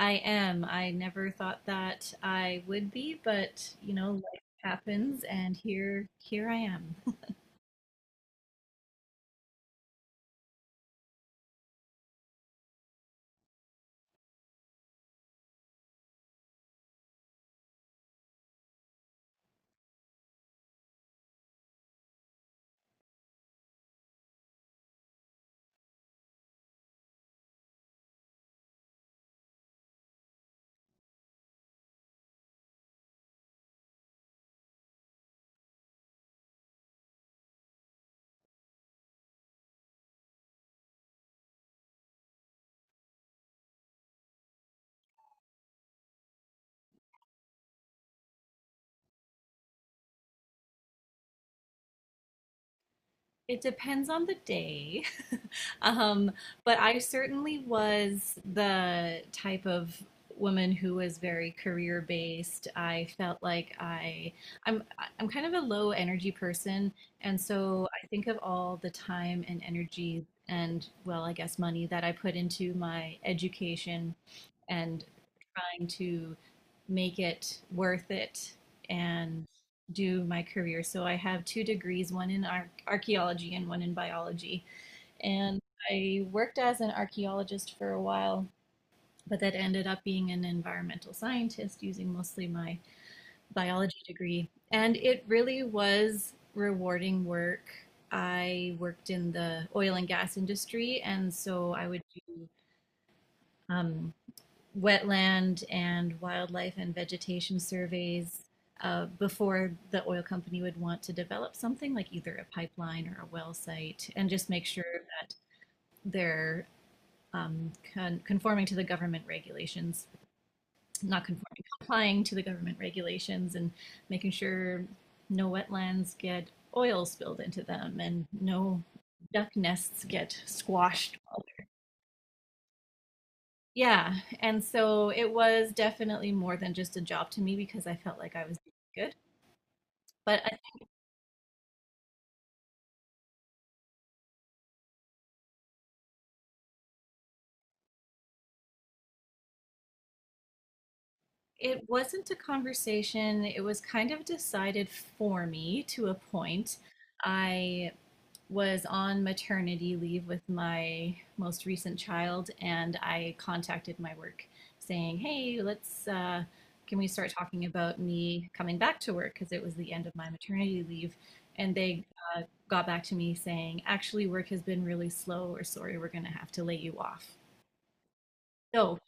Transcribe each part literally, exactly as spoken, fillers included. I am. I never thought that I would be, but you know, life happens and here here I am. It depends on the day. Um, but I certainly was the type of woman who was very career based. I felt like I I'm I'm kind of a low energy person, and so I think of all the time and energy and, well, I guess money that I put into my education and trying to make it worth it and do my career. So I have two degrees, one in ar- archaeology and one in biology. And I worked as an archaeologist for a while, but that ended up being an environmental scientist using mostly my biology degree. And it really was rewarding work. I worked in the oil and gas industry, and so I would do um, wetland and wildlife and vegetation surveys uh, before the oil company would want to develop something like either a pipeline or a well site, and just make sure that they're um, con- conforming to the government regulations, not conforming, complying to the government regulations, and making sure no wetlands get oil spilled into them and no duck nests get squashed while. Yeah, and so it was definitely more than just a job to me, because I felt like I was doing good. But I think it wasn't a conversation. It was kind of decided for me to a point. I was on maternity leave with my most recent child, and I contacted my work saying, "Hey, let's uh, can we start talking about me coming back to work, because it was the end of my maternity leave," and they uh, got back to me saying, "Actually, work has been really slow. Or sorry, we're going to have to lay you off." So.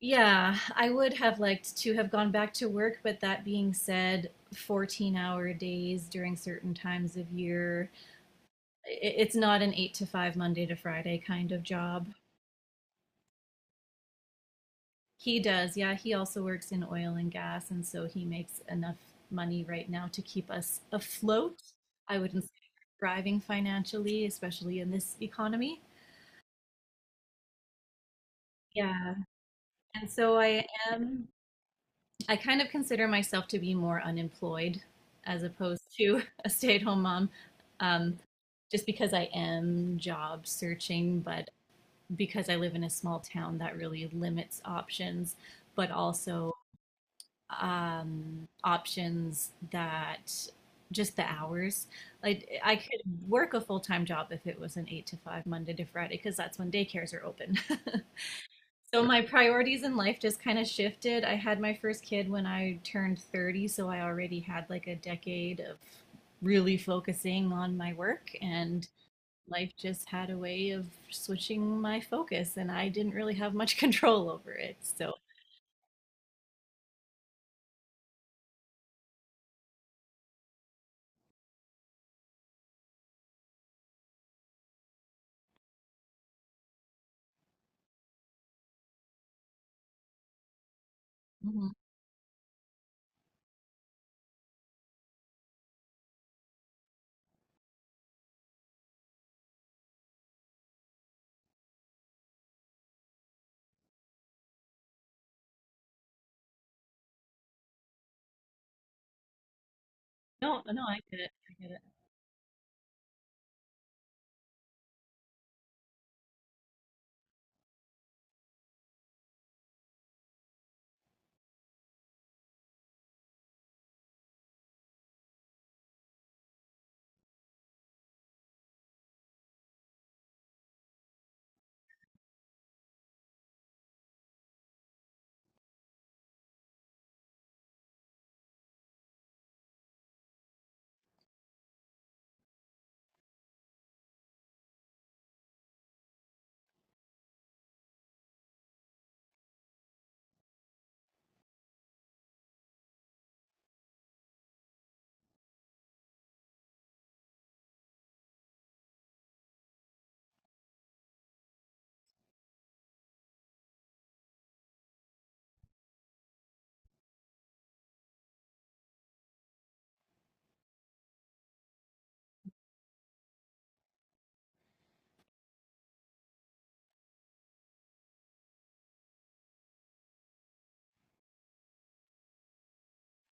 Yeah, I would have liked to have gone back to work, but that being said, fourteen hour days during certain times of year, it's not an eight to five Monday to Friday kind of job. He does, yeah. He also works in oil and gas, and so he makes enough money right now to keep us afloat. I wouldn't say thriving financially, especially in this economy. Yeah. And so I am, I kind of consider myself to be more unemployed as opposed to a stay-at-home mom, um, just because I am job searching, but because I live in a small town that really limits options, but also um, options that just the hours. I I could work a full time job if it was an eight to five Monday to Friday, because that's when daycares are open. So my priorities in life just kind of shifted. I had my first kid when I turned thirty, so I already had like a decade of really focusing on my work, and life just had a way of switching my focus and I didn't really have much control over it. So. Mhm. No, no, I get it. I get it.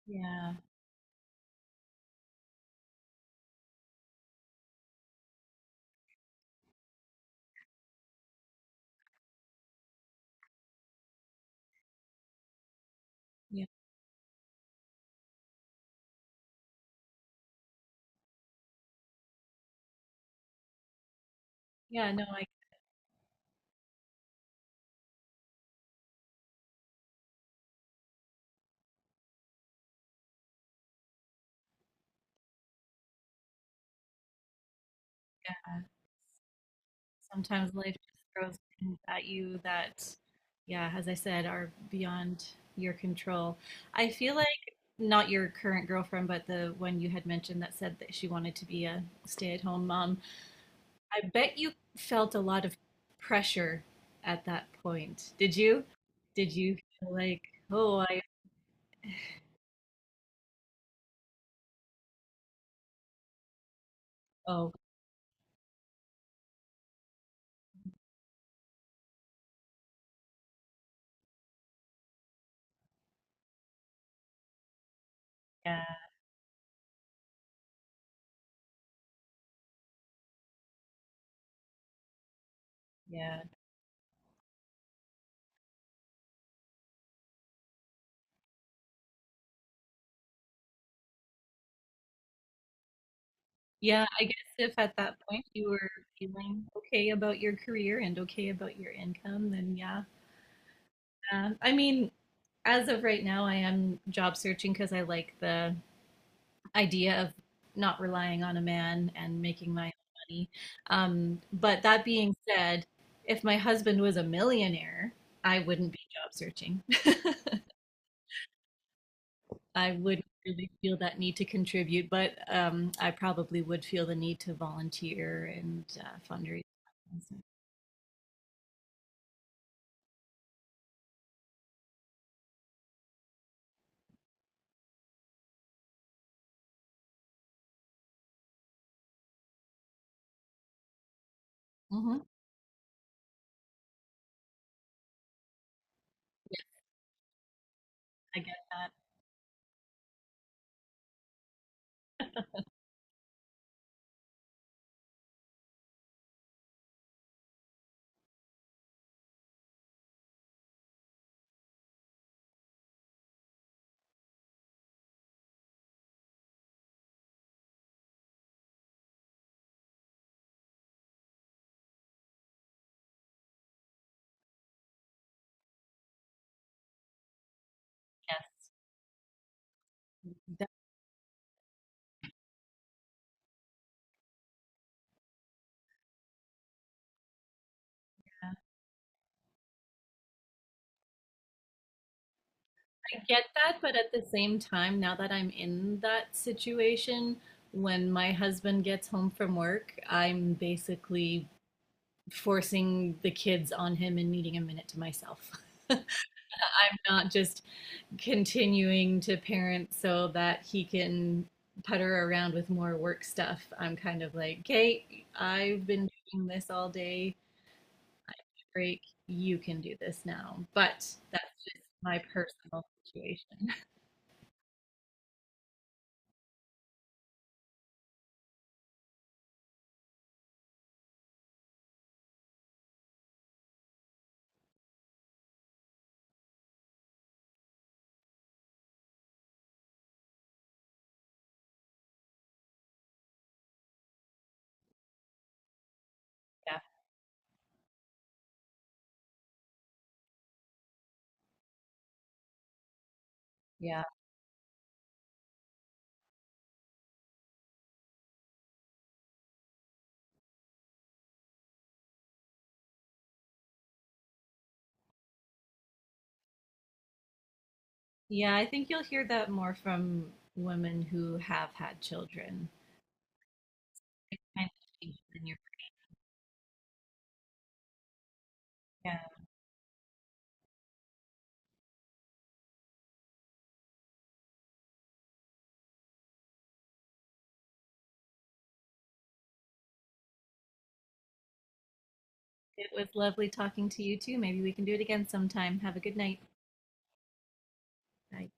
Yeah. Yeah. Yeah. No, I sometimes life just throws things at you that, yeah, as I said, are beyond your control. I feel like not your current girlfriend, but the one you had mentioned that said that she wanted to be a stay-at-home mom. I bet you felt a lot of pressure at that point. Did you? Did you feel like, oh, I, oh, yeah, yeah. Yeah, I guess if at that point you were feeling okay about your career and okay about your income, then yeah. Uh, I mean, as of right now, I am job searching because I like the idea of not relying on a man and making my own money. Um, but that being said, if my husband was a millionaire, I wouldn't be job searching. I wouldn't really feel that need to contribute, but um, I probably would feel the need to volunteer and uh, fundraise. Hmm. I get that. Yes, that- I get that. But at the same time, now that I'm in that situation, when my husband gets home from work, I'm basically forcing the kids on him and needing a minute to myself. I'm not just continuing to parent so that he can putter around with more work stuff. I'm kind of like, Kate, okay, I've been doing this all day. Break, you can do this now. But that's just my personal situation. Yeah, yeah. Yeah, I think you'll hear that more from women who have had children. It kind of changes in your. Yeah. It was lovely talking to you too. Maybe we can do it again sometime. Have a good night. Bye.